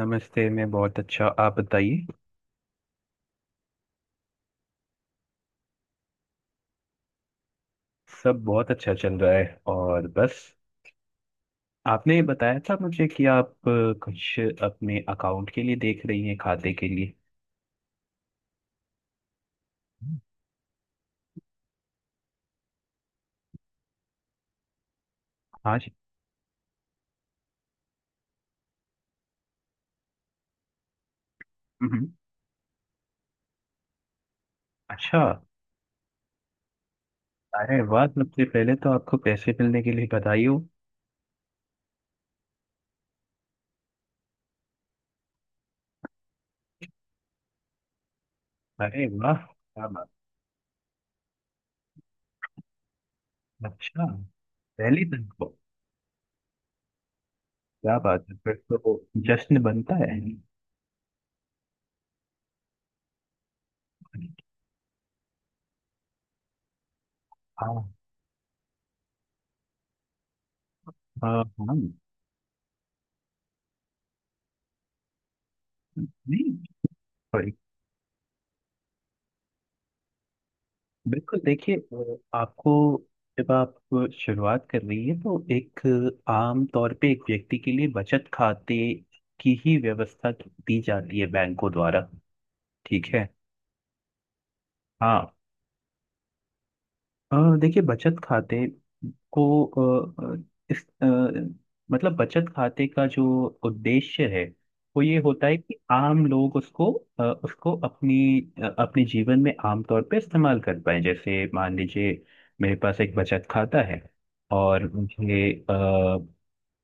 नमस्ते। मैं बहुत अच्छा, आप बताइए। सब बहुत अच्छा चल रहा है। और बस आपने बताया था मुझे कि आप कुछ अपने अकाउंट के लिए देख रही हैं, खाते के लिए। हाँ जी। हम्म, अच्छा। अरे वाह, सबसे पहले तो आपको पैसे मिलने के लिए बधाई हो। अरे वाह, क्या बात। अच्छा, पहली दिन को। क्या बात है, फिर तो जश्न बनता है। हाँ हाँ हाँ। नहीं, बिल्कुल देखिए, आपको जब आप शुरुआत कर रही है तो एक, आम तौर पे एक व्यक्ति के लिए बचत खाते की ही व्यवस्था दी जाती है बैंकों द्वारा। ठीक है। हाँ, अ, देखिए बचत खाते को इस अ, मतलब बचत खाते का जो उद्देश्य है, वो ये होता है कि आम लोग उसको, उसको अपनी, अपने जीवन में आमतौर पे इस्तेमाल कर पाए। जैसे मान लीजिए मेरे पास एक बचत खाता है, और मुझे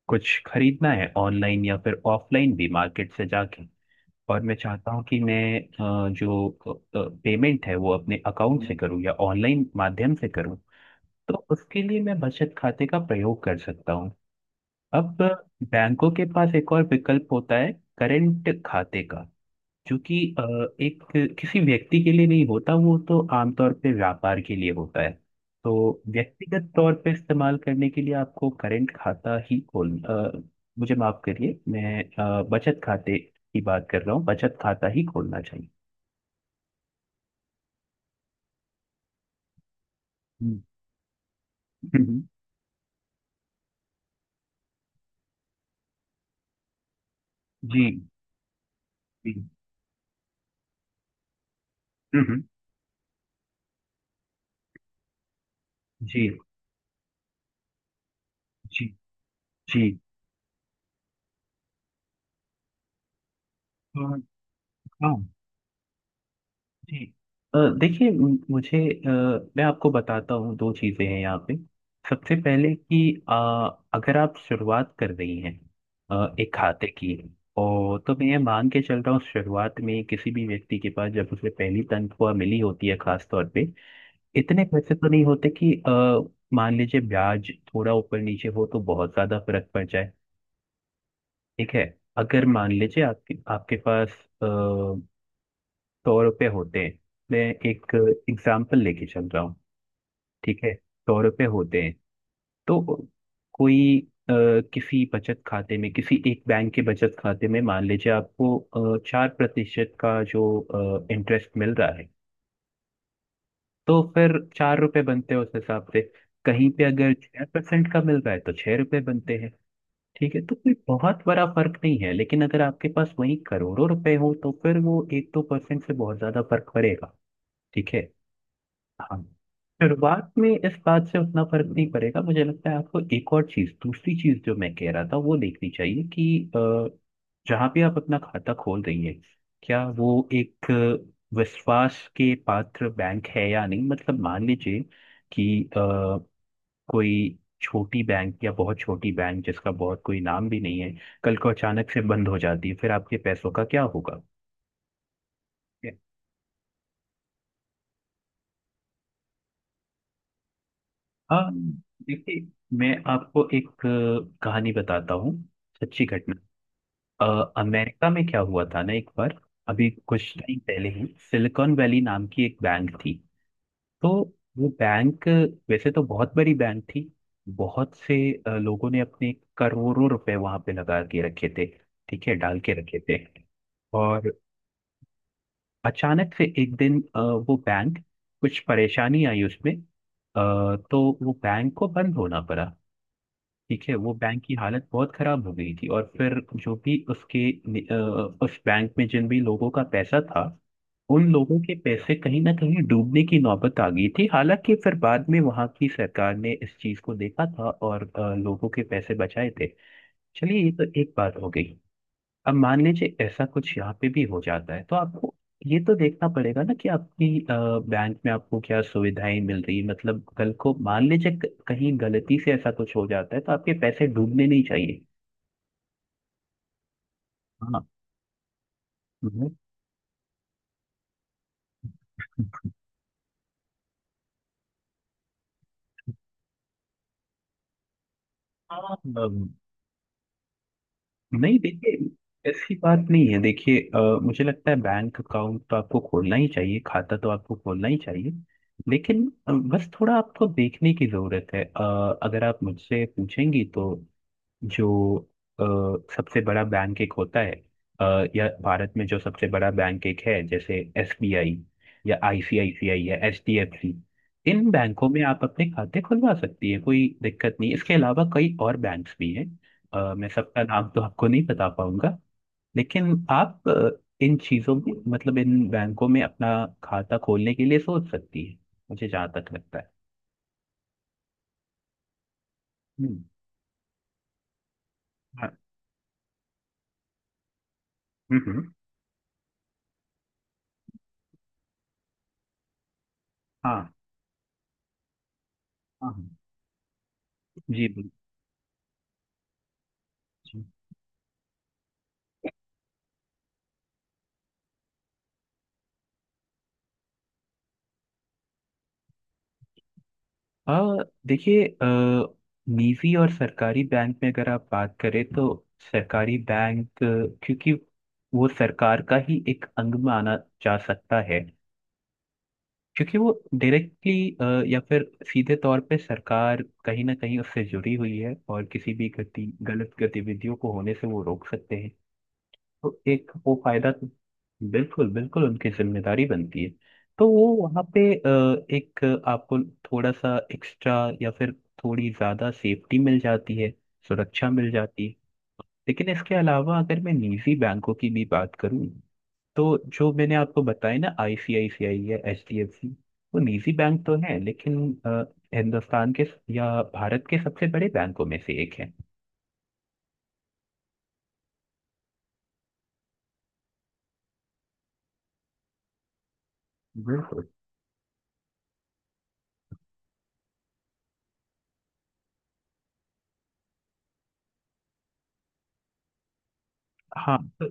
कुछ खरीदना है ऑनलाइन या फिर ऑफलाइन भी मार्केट से जाके, और मैं चाहता हूँ कि मैं जो पेमेंट है वो अपने अकाउंट से करूँ या ऑनलाइन माध्यम से करूँ। तो उसके लिए मैं बचत खाते का प्रयोग कर सकता हूँ। अब बैंकों के पास एक और विकल्प होता है, करंट खाते का, जो कि एक किसी व्यक्ति के लिए नहीं होता, वो तो आमतौर पे व्यापार के लिए होता है। तो व्यक्तिगत तौर पे इस्तेमाल करने के लिए आपको करंट खाता ही खोल मुझे माफ करिए, मैं बचत खाते की बात कर रहा हूँ, बचत खाता ही खोलना चाहिए। हम्म, हम्म, जी जी हम्म, हम्म, जी जी जी। तो हाँ जी, देखिए मुझे, अ, मैं आपको बताता हूँ, दो चीज़ें हैं यहाँ पे। सबसे पहले कि अ, अगर आप शुरुआत कर रही हैं एक खाते की, और तो मैं ये मान के चल रहा हूँ शुरुआत में किसी भी व्यक्ति के पास जब उसे पहली तनख्वाह मिली होती है खास तौर पे, इतने पैसे तो नहीं होते कि मान लीजिए ब्याज थोड़ा ऊपर नीचे हो तो बहुत ज्यादा फर्क पड़ जाए। ठीक है, अगर मान लीजिए आपके आपके पास सौ रुपये होते हैं, मैं एक एग्जाम्पल लेके चल रहा हूँ। ठीक है, सौ रुपये होते हैं, तो कोई अ, किसी बचत खाते में, किसी एक बैंक के बचत खाते में मान लीजिए आपको चार प्रतिशत का जो इंटरेस्ट मिल रहा है, तो फिर चार रुपये बनते हैं उस हिसाब से। कहीं पे अगर छह परसेंट का मिल रहा है, तो छह रुपये बनते हैं। ठीक है, तो कोई बहुत बड़ा फर्क नहीं है। लेकिन अगर आपके पास वही करोड़ों रुपए हो, तो फिर वो एक दो परसेंट से बहुत ज्यादा फर्क पड़ेगा। ठीक है, हाँ। शुरुआत में इस बात से उतना फर्क नहीं पड़ेगा, मुझे लगता है। आपको एक और चीज, दूसरी चीज जो मैं कह रहा था वो देखनी चाहिए कि अ, जहाँ भी आप अपना खाता खोल रही है, क्या वो एक विश्वास के पात्र बैंक है या नहीं। मतलब मान लीजिए कि कोई छोटी बैंक या बहुत छोटी बैंक जिसका बहुत कोई नाम भी नहीं है, कल को अचानक से बंद हो जाती है, फिर आपके पैसों का क्या होगा। हाँ देखिए, मैं आपको एक कहानी बताता हूँ, सच्ची घटना। अमेरिका में क्या हुआ था ना एक बार, अभी कुछ टाइम पहले ही, सिलिकॉन वैली नाम की एक बैंक थी। तो वो बैंक वैसे तो बहुत बड़ी बैंक थी, बहुत से लोगों ने अपने करोड़ों रुपए वहां पे लगा के रखे थे। ठीक है, डाल के रखे थे। और अचानक से एक दिन वो बैंक, कुछ परेशानी आई उसमें तो वो बैंक को बंद होना पड़ा। ठीक है, वो बैंक की हालत बहुत खराब हो गई थी, और फिर जो भी उसके नि- अ, उस बैंक में जिन भी लोगों का पैसा था, उन लोगों के पैसे कहीं ना कहीं डूबने की नौबत आ गई थी। हालांकि फिर बाद में वहां की सरकार ने इस चीज को देखा था, और लोगों के पैसे बचाए थे। चलिए, ये तो एक बात हो गई। अब मान लीजिए ऐसा कुछ यहाँ पे भी हो जाता है, तो आपको ये तो देखना पड़ेगा ना कि आपकी बैंक में आपको क्या सुविधाएं मिल रही है। मतलब कल को मान लीजिए कहीं गलती से ऐसा कुछ हो जाता है तो आपके पैसे डूबने नहीं चाहिए। हाँ, मैं- हाँ, अम, नहीं देखिए ऐसी बात नहीं है। देखिए, मुझे लगता है बैंक अकाउंट तो आपको खोलना ही चाहिए, खाता तो आपको खोलना ही चाहिए। लेकिन बस थोड़ा आपको देखने की जरूरत है। अगर आप मुझसे पूछेंगी तो जो अ, सबसे बड़ा बैंक एक होता है, अ, या भारत में जो सबसे बड़ा बैंक एक है, जैसे एसबीआई या आईसीआईसीआई या एचडीएफसी, इन बैंकों में आप अपने खाते खुलवा सकती है, कोई दिक्कत नहीं। इसके अलावा कई और बैंक्स भी हैं, मैं सबका नाम तो आपको नहीं बता पाऊंगा, लेकिन आप इन चीजों में, मतलब इन बैंकों में अपना खाता खोलने के लिए सोच सकती है, मुझे जहाँ तक लगता है। हम्म, हाँ, हम्म हम्म, हाँ, हाँ जी बिल्कुल। आ, देखिए निजी और सरकारी बैंक में अगर आप बात करें, तो सरकारी बैंक क्योंकि वो सरकार का ही एक अंग माना जा सकता है, क्योंकि वो डायरेक्टली या फिर सीधे तौर पे सरकार कहीं ना कहीं उससे जुड़ी हुई है, और किसी भी गति गलत गतिविधियों को होने से वो रोक सकते हैं। तो एक वो फायदा तो, बिल्कुल बिल्कुल उनकी जिम्मेदारी बनती है। तो वो वहाँ पे एक आपको थोड़ा सा एक्स्ट्रा या फिर थोड़ी ज्यादा सेफ्टी मिल जाती है, सुरक्षा मिल जाती है। लेकिन इसके अलावा अगर मैं निजी बैंकों की भी बात करूँ, तो जो मैंने आपको बताया ना, आईसीआईसीआई या एचडीएफसी, वो निजी बैंक तो है, लेकिन अ, हिंदुस्तान के या भारत के सबसे बड़े बैंकों में से एक है। बिल्कुल, हाँ, तो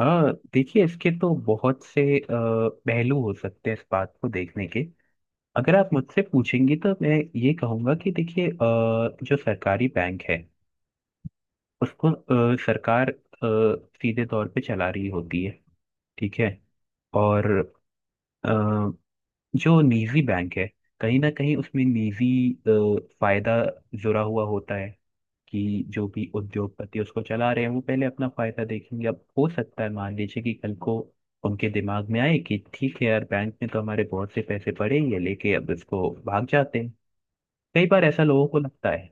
आ, देखिए इसके तो बहुत से पहलू हो सकते हैं इस बात को देखने के। अगर आप मुझसे पूछेंगी तो मैं ये कहूँगा कि देखिए, जो सरकारी बैंक है उसको सरकार सीधे तौर पे चला रही होती है, ठीक है। और अ, जो निजी बैंक है, कहीं ना कहीं उसमें निजी फायदा जुड़ा हुआ होता है, कि जो भी उद्योगपति उसको चला रहे हैं वो पहले अपना फायदा देखेंगे। अब हो सकता है मान लीजिए कि कल को उनके दिमाग में आए कि ठीक है यार, बैंक में तो हमारे बहुत से पैसे पड़े ही है, लेके अब इसको भाग जाते हैं। कई बार ऐसा लोगों को लगता है।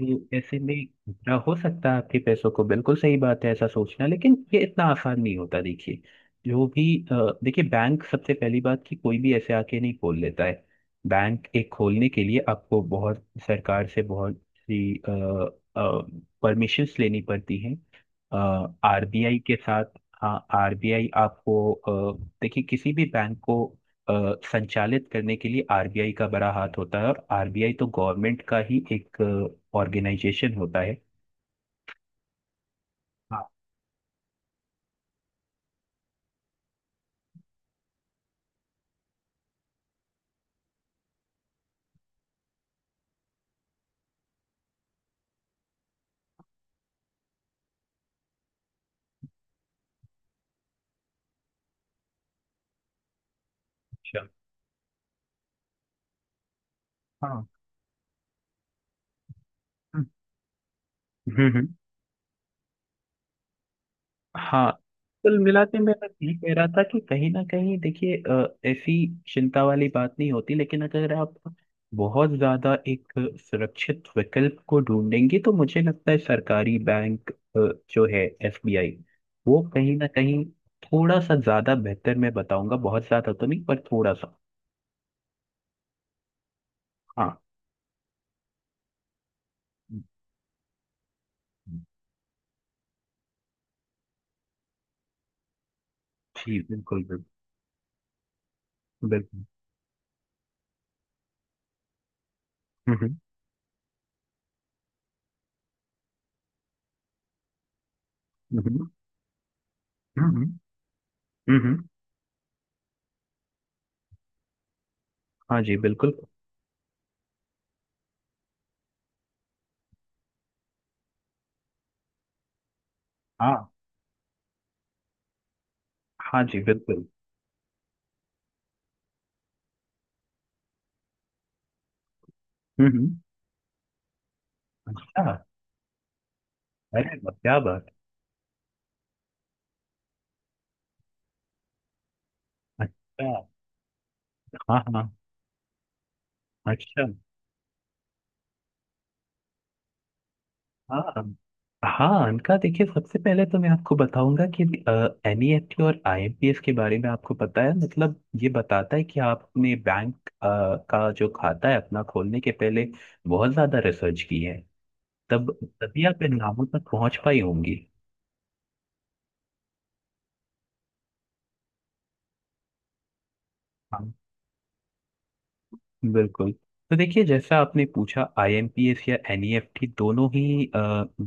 तो ऐसे में खतरा हो सकता है आपके पैसों को, बिल्कुल सही बात है ऐसा सोचना। लेकिन ये इतना आसान नहीं होता, देखिए जो भी अ, देखिए बैंक, सबसे पहली बात कि कोई भी ऐसे आके नहीं खोल लेता है। बैंक एक खोलने के लिए आपको बहुत सरकार से बहुत सी परमिशंस लेनी पड़ती हैं, आरबीआई के साथ। हाँ, आरबीआई आपको देखिए किसी भी बैंक को अ, संचालित करने के लिए आरबीआई का बड़ा हाथ होता है, और आरबीआई तो गवर्नमेंट का ही एक ऑर्गेनाइजेशन होता है। हाँ, अच्छा, हाँ, हम्म, हम्म हम्म, हाँ। कुल मिला के मैं बस ये कह रहा था कि कहीं ना कहीं देखिए, ऐसी चिंता वाली बात नहीं होती। लेकिन अगर आप बहुत ज्यादा एक सुरक्षित विकल्प को ढूंढेंगे, तो मुझे लगता है सरकारी बैंक जो है एसबीआई, वो कहीं ना कहीं थोड़ा सा ज्यादा बेहतर, मैं बताऊंगा बहुत ज्यादा तो नहीं पर थोड़ा सा। हाँ जी बिल्कुल, बिल्कुल बिल्कुल। हम्म हम्म हम्म हम्म, हम्म, हम्म, हम्म। हाँ जी बिल्कुल। हाँ, हाँ जी बिल्कुल। हम्म हम्म। अच्छा, अरे वाह, क्या बात। अच्छा, हाँ हाँ। अच्छा, हाँ हाँ, अनका देखिए सबसे पहले तो मैं आपको बताऊंगा कि एनईएफटी और आईएमपीएस के बारे में आपको पता है, मतलब ये बताता है कि आपने बैंक का जो खाता है अपना खोलने के पहले बहुत ज्यादा रिसर्च की है, तब तभी आप इन नामों तक पहुंच पाई होंगी। हाँ, बिल्कुल। तो देखिए, जैसा आपने पूछा, आईएमपीएस या एनईएफटी दोनों ही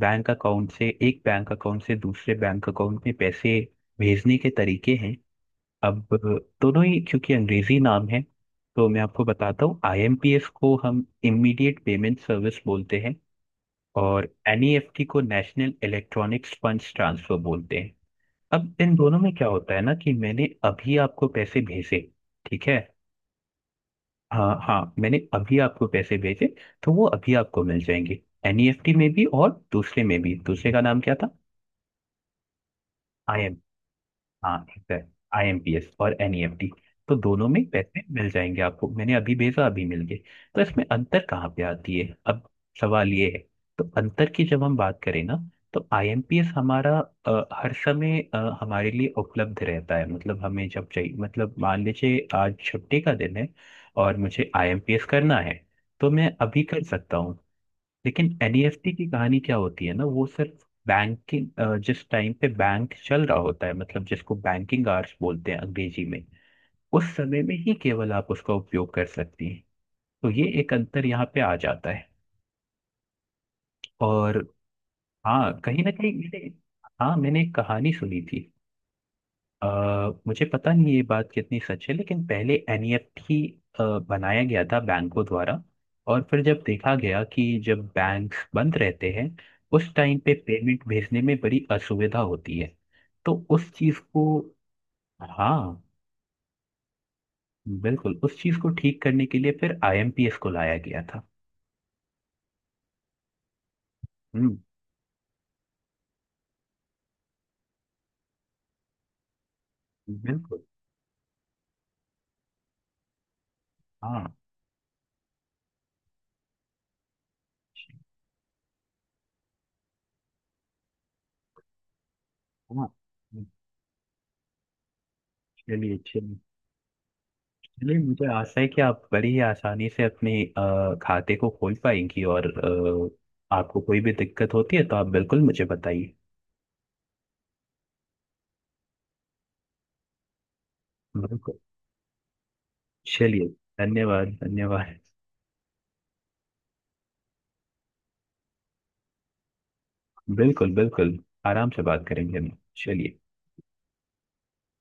बैंक अकाउंट से, एक बैंक अकाउंट से दूसरे बैंक अकाउंट में पैसे भेजने के तरीके हैं। अब दोनों ही क्योंकि अंग्रेजी नाम है, तो मैं आपको बताता हूँ, आईएमपीएस को हम इमीडिएट पेमेंट सर्विस बोलते हैं, और एनईएफटी को नेशनल इलेक्ट्रॉनिक्स फंड्स ट्रांसफर बोलते हैं। अब इन दोनों में क्या होता है ना कि मैंने अभी आपको पैसे भेजे, ठीक है। हाँ हाँ, मैंने अभी आपको पैसे भेजे, तो वो अभी आपको मिल जाएंगे, एनईएफटी में भी और दूसरे में भी। दूसरे का नाम क्या था? हाँ, एग्जैक्ट, आईएमपीएस और एनईएफटी। तो दोनों में पैसे मिल जाएंगे आपको, मैंने अभी भेजा अभी मिल गए। तो इसमें अंतर कहाँ पे आती है अब, सवाल ये है। तो अंतर की जब हम बात करें ना, तो आईएमपीएस हमारा हर समय हमारे लिए उपलब्ध रहता है। मतलब हमें जब चाहिए, मतलब मान लीजिए आज छुट्टी का दिन है और मुझे आईएमपीएस करना है, तो मैं अभी कर सकता हूँ। लेकिन एनईएफटी की कहानी क्या होती है ना, वो सिर्फ बैंकिंग, जिस टाइम पे बैंक चल रहा होता है, मतलब जिसको बैंकिंग आवर्स बोलते हैं अंग्रेजी में, उस समय में ही केवल आप उसका उपयोग कर सकती हैं। तो ये एक अंतर यहाँ पे आ जाता है। और हाँ, कहीं ना कहीं मैंने, हाँ मैंने एक कहानी सुनी थी, अ, मुझे पता नहीं ये बात कितनी सच है, लेकिन पहले एनईएफटी बनाया गया था बैंकों द्वारा, और फिर जब देखा गया कि जब बैंक बंद रहते हैं उस टाइम पे पेमेंट भेजने में बड़ी असुविधा होती है, तो उस चीज को, हाँ बिल्कुल, उस चीज को ठीक करने के लिए फिर आईएमपीएस को लाया गया था। हम्म, बिल्कुल, हाँ, हाँ, चलिए चलिए। नहीं, मुझे आशा है कि आप बड़ी ही आसानी से अपने खाते को खोल पाएंगी, और आपको कोई भी दिक्कत होती है तो आप बिल्कुल मुझे बताइए। बिल्कुल, चलिए, धन्यवाद धन्यवाद। बिल्कुल बिल्कुल, आराम से बात करेंगे हम, चलिए।